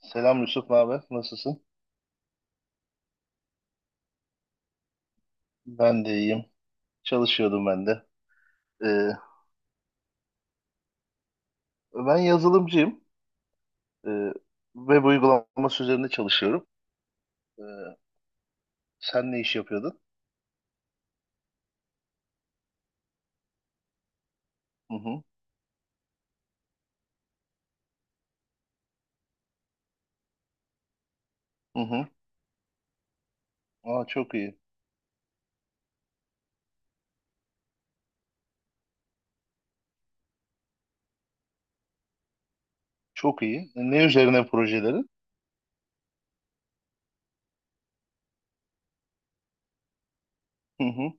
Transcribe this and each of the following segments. Selam Yusuf abi, nasılsın? Ben de iyiyim. Çalışıyordum ben de. Ee, Ben yazılımcıyım. Ee, Web uygulaması üzerinde çalışıyorum. Ee, Sen ne iş yapıyordun? Hı hı. Hı hı. Aa, çok iyi. Çok iyi, ne üzerine projelerin? Hı hı.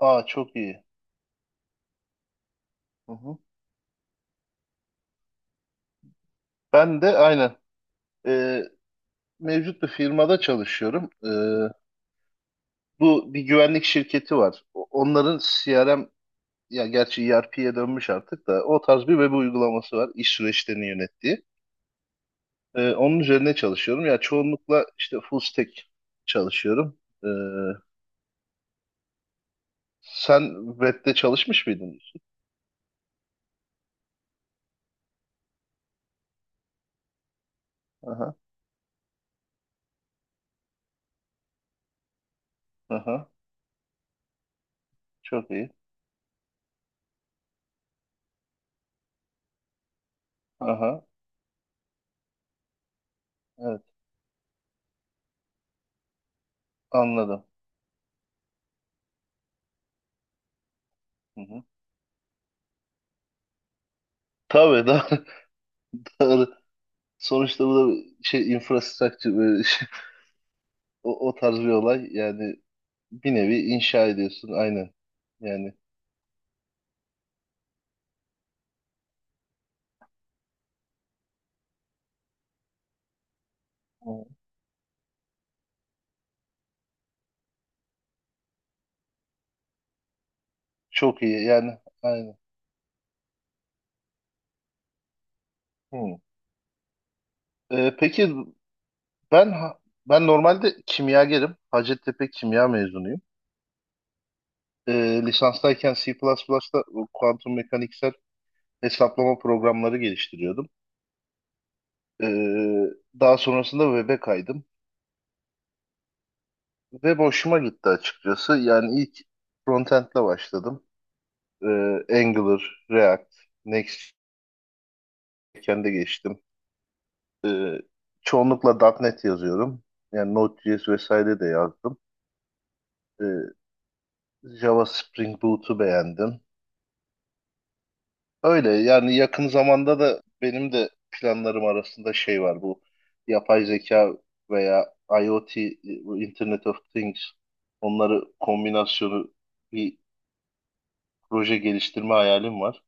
Aa, çok iyi. Hı hı. Ben de aynen. Ee, Mevcut bir firmada çalışıyorum. Bu bir güvenlik şirketi var. Onların CRM, ya gerçi ERP'ye dönmüş artık, da o tarz bir web uygulaması var iş süreçlerini yönettiği. Onun üzerine çalışıyorum. Ya çoğunlukla işte full stack çalışıyorum. Ee, Sen web'de çalışmış mıydın? Aha, aha, çok iyi. Aha, evet, anladım. Hı hı. Tabii da doğru. Sonuçta bu da bir şey, infrastructure, böyle şey, o, o tarz bir olay. Yani bir nevi inşa ediyorsun, aynen. Yani hı, çok iyi, yani aynen. Hı. Peki ben ben normalde kimyagerim. Hacettepe kimya mezunuyum. E, lisanstayken C++'da bu kuantum mekaniksel hesaplama programları geliştiriyordum. E, Daha sonrasında web'e kaydım. Web hoşuma gitti açıkçası. Yani ilk frontend'le başladım. E, Angular, React, Next.js geçtim. Çoğunlukla .nokta .NET yazıyorum. Yani Node.js vesaire de yazdım. E, Java Spring Boot'u beğendim. Öyle yani, yakın zamanda da benim de planlarım arasında şey var, bu yapay zeka veya IoT, bu Internet of Things, onları kombinasyonu bir proje geliştirme hayalim var.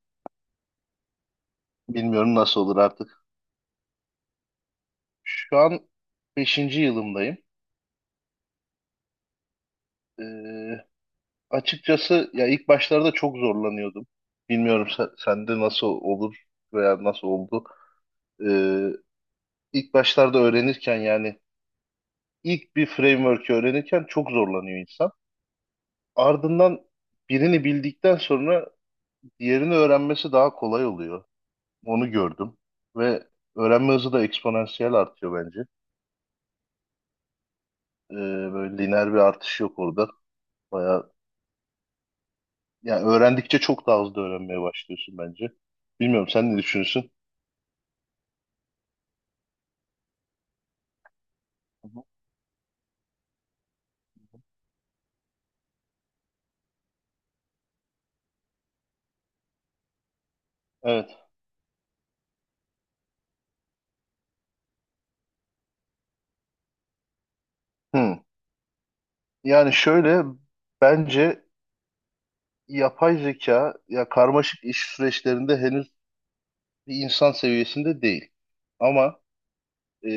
Bilmiyorum nasıl olur artık. Şu an beşinci yılımdayım. Ee, Açıkçası ya ilk başlarda çok zorlanıyordum. Bilmiyorum sen, sende nasıl olur veya nasıl oldu. Ee, ilk başlarda öğrenirken, yani ilk bir framework'ü öğrenirken çok zorlanıyor insan. Ardından birini bildikten sonra diğerini öğrenmesi daha kolay oluyor. Onu gördüm ve öğrenme hızı da eksponansiyel artıyor bence. Ee, Böyle lineer bir artış yok orada. Bayağı, yani öğrendikçe çok daha hızlı öğrenmeye başlıyorsun bence. Bilmiyorum sen ne düşünüyorsun? Hı hı. Evet. Hmm. Yani şöyle, bence yapay zeka ya karmaşık iş süreçlerinde henüz bir insan seviyesinde değil. Ama e,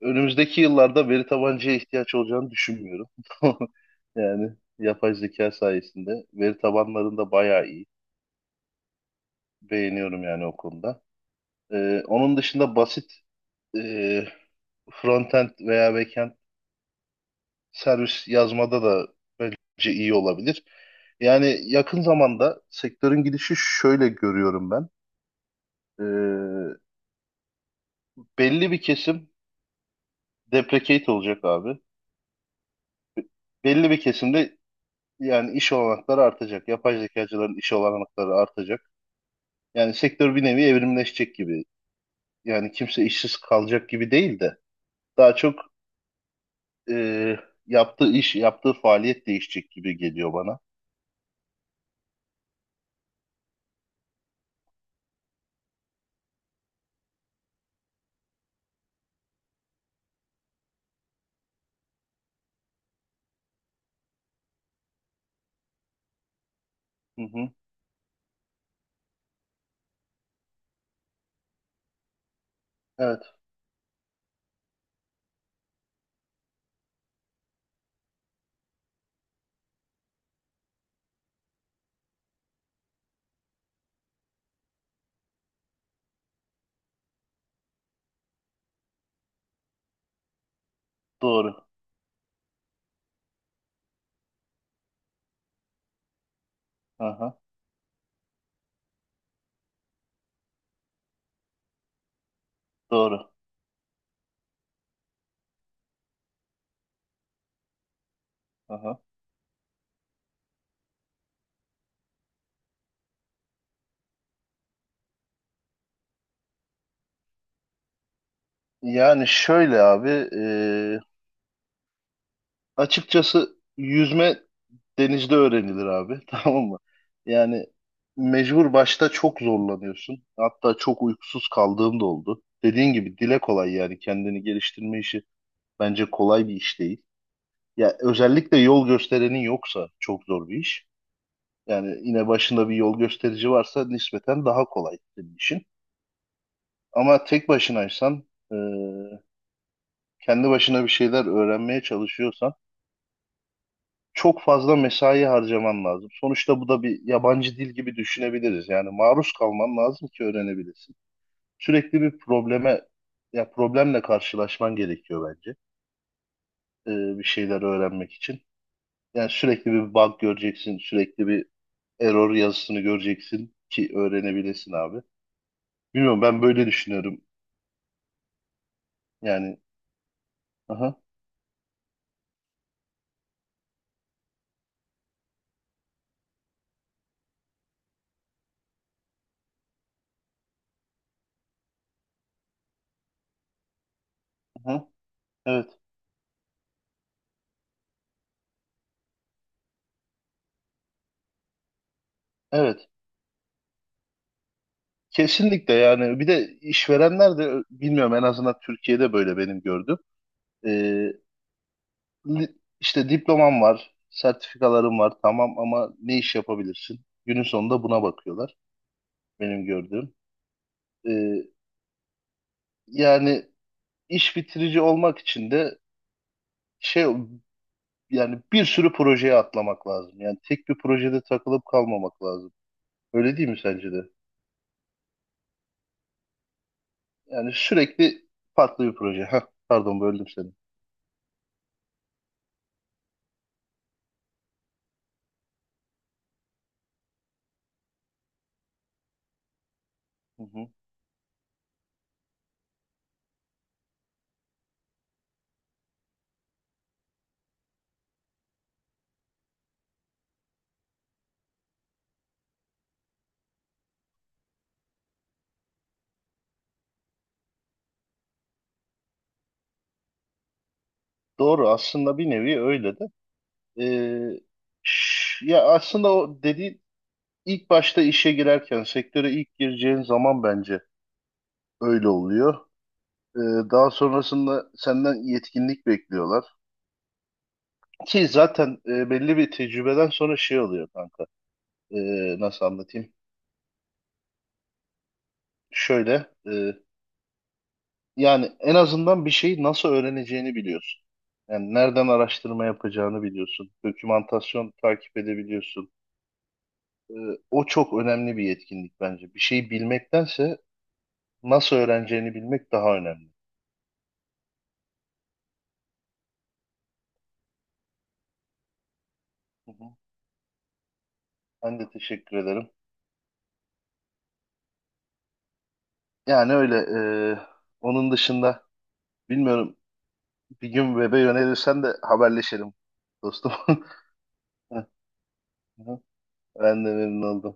önümüzdeki yıllarda veri tabancıya ihtiyaç olacağını düşünmüyorum. Yani yapay zeka sayesinde veri tabanlarında bayağı iyi. Beğeniyorum yani o konuda. Onun dışında basit e, frontend veya backend servis yazmada da bence iyi olabilir. Yani yakın zamanda sektörün gidişi şöyle görüyorum ben. Ee, Belli bir kesim deprecate olacak abi. Belli bir kesim de, yani iş olanakları artacak. Yapay zekacıların iş olanakları artacak. Yani sektör bir nevi evrimleşecek gibi. Yani kimse işsiz kalacak gibi değil de, daha çok e, yaptığı iş, yaptığı faaliyet değişecek gibi geliyor bana. Hı hı. Evet, doğru. Aha, doğru. Aha. Yani şöyle abi, e, açıkçası yüzme denizde öğrenilir abi, tamam mı? Yani mecbur başta çok zorlanıyorsun. Hatta çok uykusuz kaldığım da oldu. Dediğin gibi dile kolay, yani kendini geliştirme işi bence kolay bir iş değil. Ya özellikle yol gösterenin yoksa çok zor bir iş. Yani yine başında bir yol gösterici varsa nispeten daha kolay senin işin. Ama tek başınaysan, e, kendi başına bir şeyler öğrenmeye çalışıyorsan çok fazla mesai harcaman lazım. Sonuçta bu da bir yabancı dil gibi düşünebiliriz. Yani maruz kalman lazım ki öğrenebilesin. Sürekli bir probleme, ya problemle karşılaşman gerekiyor bence. Bir şeyler öğrenmek için. Yani sürekli bir bug göreceksin, sürekli bir error yazısını göreceksin ki öğrenebilesin abi. Bilmiyorum, ben böyle düşünüyorum. Yani aha, aha, evet. Evet. Kesinlikle yani. Bir de işverenler de bilmiyorum, en azından Türkiye'de böyle benim gördüğüm. E, işte diploman var, sertifikaların var, tamam, ama ne iş yapabilirsin? Günün sonunda buna bakıyorlar, benim gördüğüm. Ee, Yani iş bitirici olmak için de şey, yani bir sürü projeye atlamak lazım. Yani tek bir projede takılıp kalmamak lazım. Öyle değil mi sence de? Yani sürekli farklı bir proje. Heh, pardon böldüm seni. Hı hı. Doğru, aslında bir nevi öyle de. Ee, Ya aslında o dediğin, İlk başta işe girerken, sektöre ilk gireceğin zaman bence öyle oluyor. Ee, Daha sonrasında senden yetkinlik bekliyorlar. Ki zaten e, belli bir tecrübeden sonra şey oluyor kanka. Nasıl anlatayım? Şöyle, e, yani en azından bir şeyi nasıl öğreneceğini biliyorsun. Yani nereden araştırma yapacağını biliyorsun. Dokümantasyon takip edebiliyorsun. Ee, O çok önemli bir yetkinlik bence. Bir şeyi bilmektense nasıl öğreneceğini bilmek daha önemli. Hı hı. Ben de teşekkür ederim. Yani öyle. e, Onun dışında bilmiyorum, bir gün web'e yönelirsen de haberleşelim dostum. Ben de memnun oldum.